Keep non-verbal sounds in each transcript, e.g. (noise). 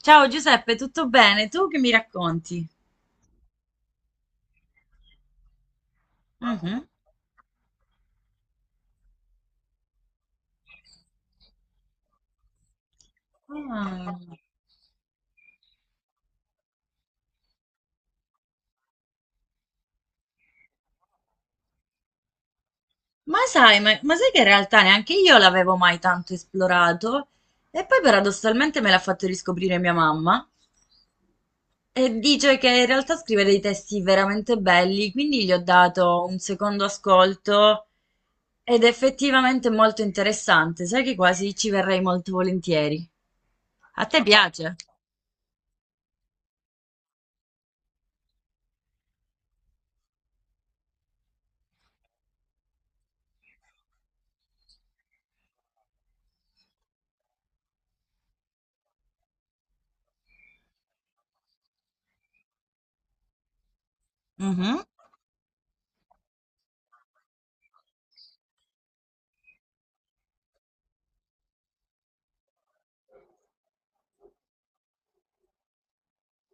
Ciao Giuseppe, tutto bene? Tu che mi racconti? Mhm. Ah. Ma sai che in realtà neanche io l'avevo mai tanto esplorato e poi paradossalmente me l'ha fatto riscoprire mia mamma e dice che in realtà scrive dei testi veramente belli, quindi gli ho dato un secondo ascolto ed è effettivamente molto interessante, sai che quasi ci verrei molto volentieri. A te piace? Mhm,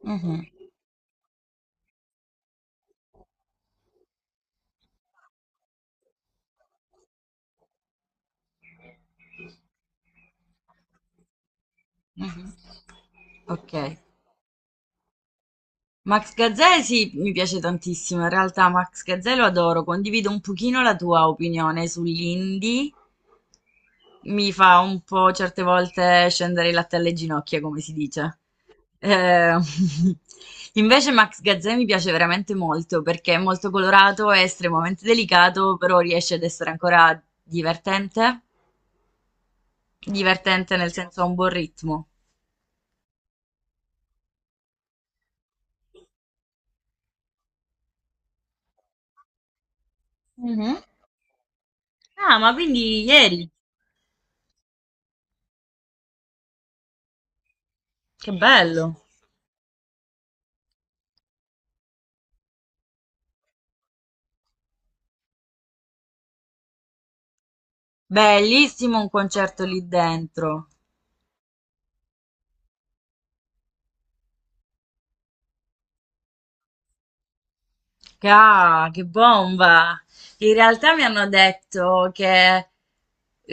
mhm, mhm. Ok. Max Gazzè sì, mi piace tantissimo, in realtà Max Gazzè lo adoro, condivido un pochino la tua opinione sull'indie, mi fa un po' certe volte scendere il latte alle ginocchia, come si dice. Eh, (laughs) Invece Max Gazzè mi piace veramente molto perché è molto colorato, è estremamente delicato, però riesce ad essere ancora divertente, divertente nel senso ha un buon ritmo. Mhm. Ah, ma quindi ieri, che bello! Bellissimo un concerto lì dentro. Ah, che bomba! In realtà mi hanno detto che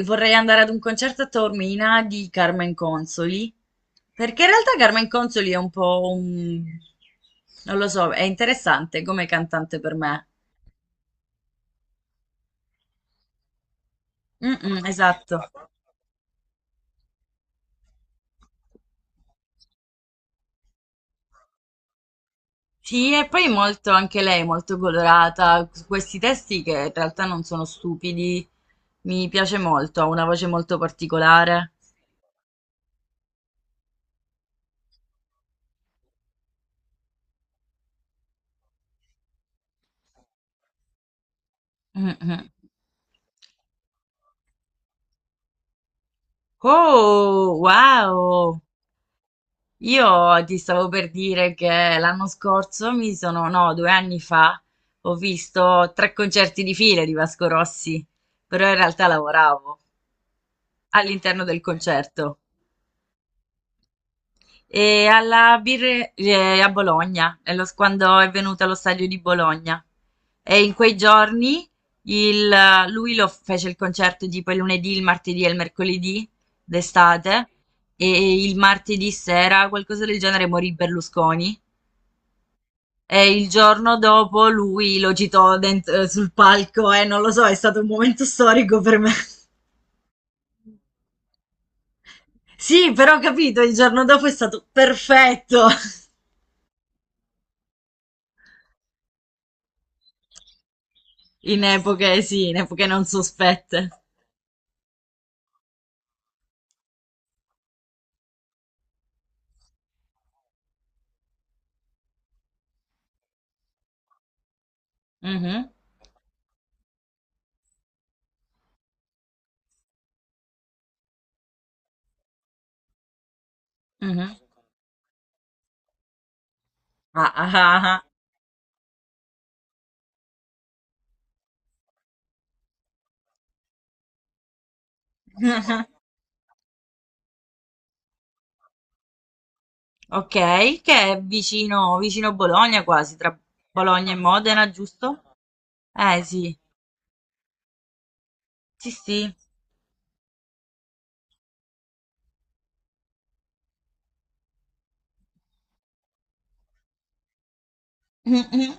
vorrei andare ad un concerto a Taormina di Carmen Consoli, perché in realtà Carmen Consoli è un po' un... non lo so, è interessante come cantante per me. Mm, mm, esatto. Sì, e poi molto anche lei, è molto colorata, su questi testi che in realtà non sono stupidi, mi piace molto, ha una voce molto particolare. Mhm. Oh, wow! Io ti stavo per dire che l'anno scorso mi sono, no, 2 anni fa, ho visto 3 concerti di fila di Vasco Rossi, però in realtà lavoravo all'interno del concerto. E alla Birre a Bologna, quando è venuto allo stadio di Bologna. E in quei giorni lui lo fece il concerto tipo il lunedì, il martedì e il mercoledì d'estate. E il martedì sera, qualcosa del genere, morì Berlusconi. E il giorno dopo lui lo citò sul palco e non lo so, è stato un momento storico per me. (laughs) Sì, però ho capito, il giorno dopo è stato perfetto. (laughs) In epoche, sì, in epoche non sospette. Mhm, mhm. Ah, ah, ah, ah. (laughs) Ok, che è vicino, vicino Bologna quasi, tra Bologna e Modena, giusto? Eh sì, sì, sì. Mhm, mhm,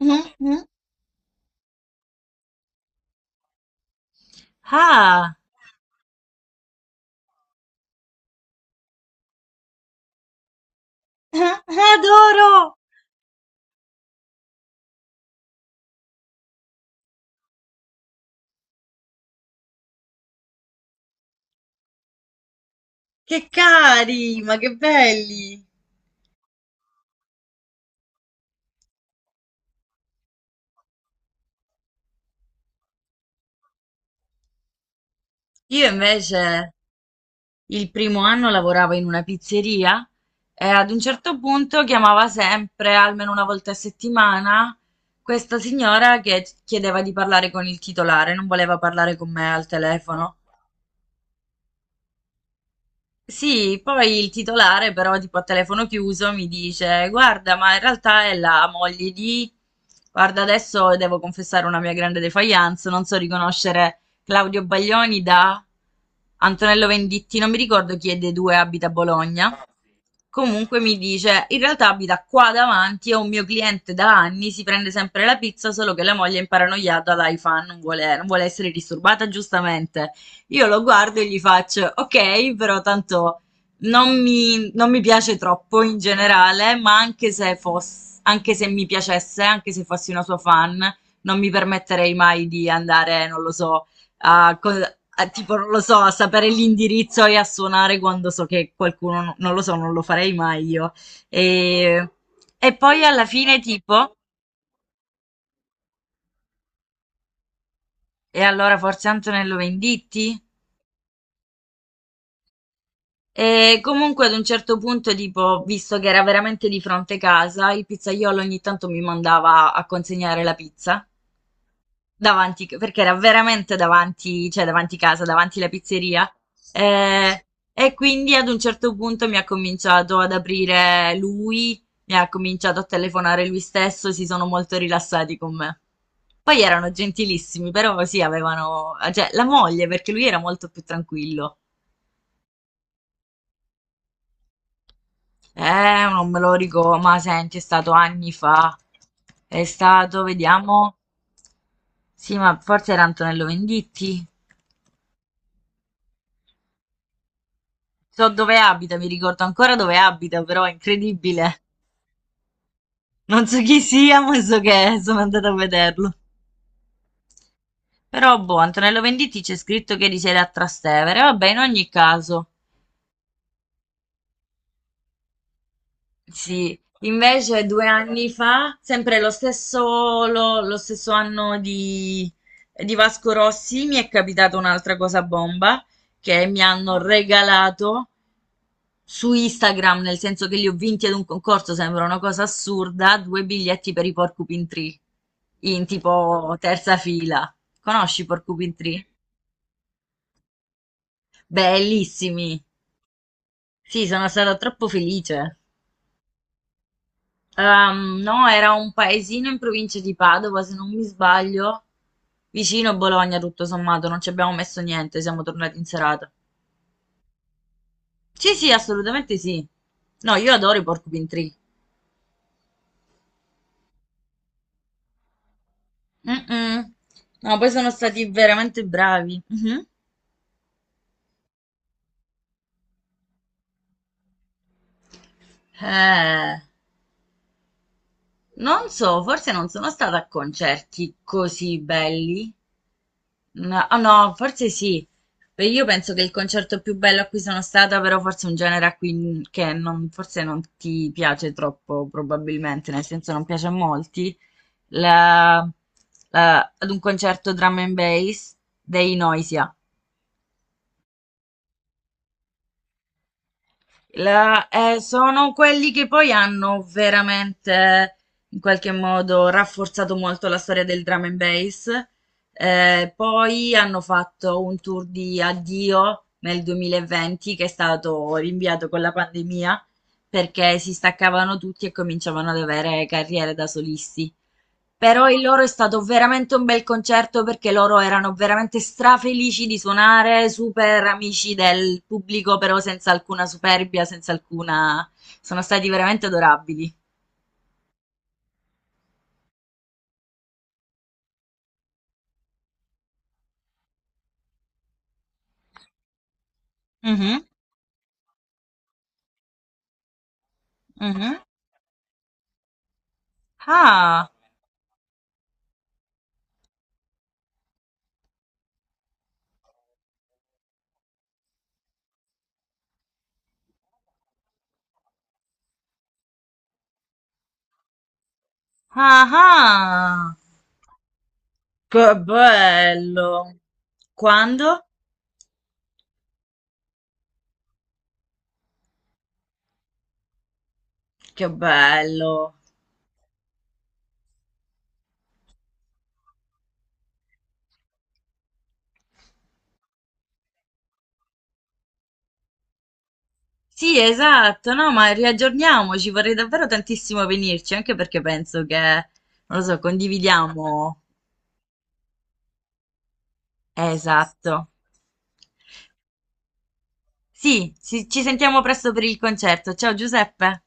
mhm. Mhm. Ah, (laughs) adoro! Che cari, ma che belli! Io invece. Il primo anno lavorava in una pizzeria e ad un certo punto chiamava sempre, almeno una volta a settimana, questa signora che chiedeva di parlare con il titolare, non voleva parlare con me al telefono. Sì, poi il titolare però tipo a telefono chiuso mi dice guarda, ma in realtà è la moglie di... Guarda, adesso devo confessare una mia grande defiance, non so riconoscere Claudio Baglioni da Antonello Venditti, non mi ricordo chi è dei due abita a Bologna. Comunque mi dice, in realtà abita qua davanti, è un mio cliente da anni, si prende sempre la pizza, solo che la moglie è imparanoiata da fan non vuole, non vuole essere disturbata giustamente. Io lo guardo e gli faccio: "Okay, però tanto non mi piace troppo in generale, ma anche se foss anche se mi piacesse, anche se fossi una sua fan, non mi permetterei mai di andare, non lo so, a co a tipo, non lo so, a sapere l'indirizzo e a suonare quando so che qualcuno no non lo so, non lo farei mai io". Ehm, e poi alla fine tipo e allora forse Antonello Venditti? E comunque ad un certo punto, tipo, visto che era veramente di fronte casa, il pizzaiolo ogni tanto mi mandava a consegnare la pizza davanti, perché era veramente davanti, cioè davanti casa, davanti la pizzeria. Eh, e quindi ad un certo punto mi ha cominciato ad aprire lui, mi ha cominciato a telefonare lui stesso, si sono molto rilassati con me. Poi erano gentilissimi, però sì, avevano, cioè, la moglie, perché lui era molto più tranquillo. Eh, non me lo ricordo, ma senti, è stato anni fa. È stato, vediamo. Sì, ma forse era Antonello Venditti. So dove abita, mi ricordo ancora dove abita, però è incredibile. Non so chi sia, ma so che è, sono andata a vederlo. Però, boh, Antonello Venditti c'è scritto che risiede a Trastevere. Vabbè, in ogni caso. Sì, invece 2 anni fa, sempre lo stesso, lo stesso anno di Vasco Rossi, mi è capitata un'altra cosa bomba che mi hanno regalato su Instagram, nel senso che li ho vinti ad un concorso, sembra una cosa assurda, 2 biglietti per i Porcupine Tree, in tipo terza fila. Conosci i Porcupine Tree? Bellissimi. Sì, sono stata troppo felice. No, era un paesino in provincia di Padova, se non mi sbaglio, vicino a Bologna, tutto sommato, non ci abbiamo messo niente, siamo tornati in serata. Sì, sì, assolutamente sì. No, io adoro i Porcupine Tree. Mm-mm. No, poi sono stati veramente bravi. Mhm. Eh, non so, forse non sono stata a concerti così belli. No, ah, no, forse sì. Beh, io penso che il concerto più bello a cui sono stata, però forse è un genere a cui che non- forse non ti piace troppo, probabilmente, nel senso non piace a molti, la- ad un concerto drum and bass dei Noisia. Sono quelli che poi hanno veramente in qualche modo rafforzato molto la storia del drum and bass. Poi hanno fatto un tour di addio nel 2020 che è stato rinviato con la pandemia perché si staccavano tutti e cominciavano ad avere carriere da solisti. Però il loro è stato veramente un bel concerto perché loro erano veramente strafelici di suonare, super amici del pubblico, però senza alcuna superbia, senza alcuna... sono stati veramente adorabili. Mhm, mhm. Ah, ah, ah. Che bello. Quando? Che bello. Sì, esatto, no, ma riaggiorniamoci, vorrei davvero tantissimo venirci, anche perché penso che, non lo so, condividiamo esatto. Sì, ci sentiamo presto per il concerto. Ciao Giuseppe.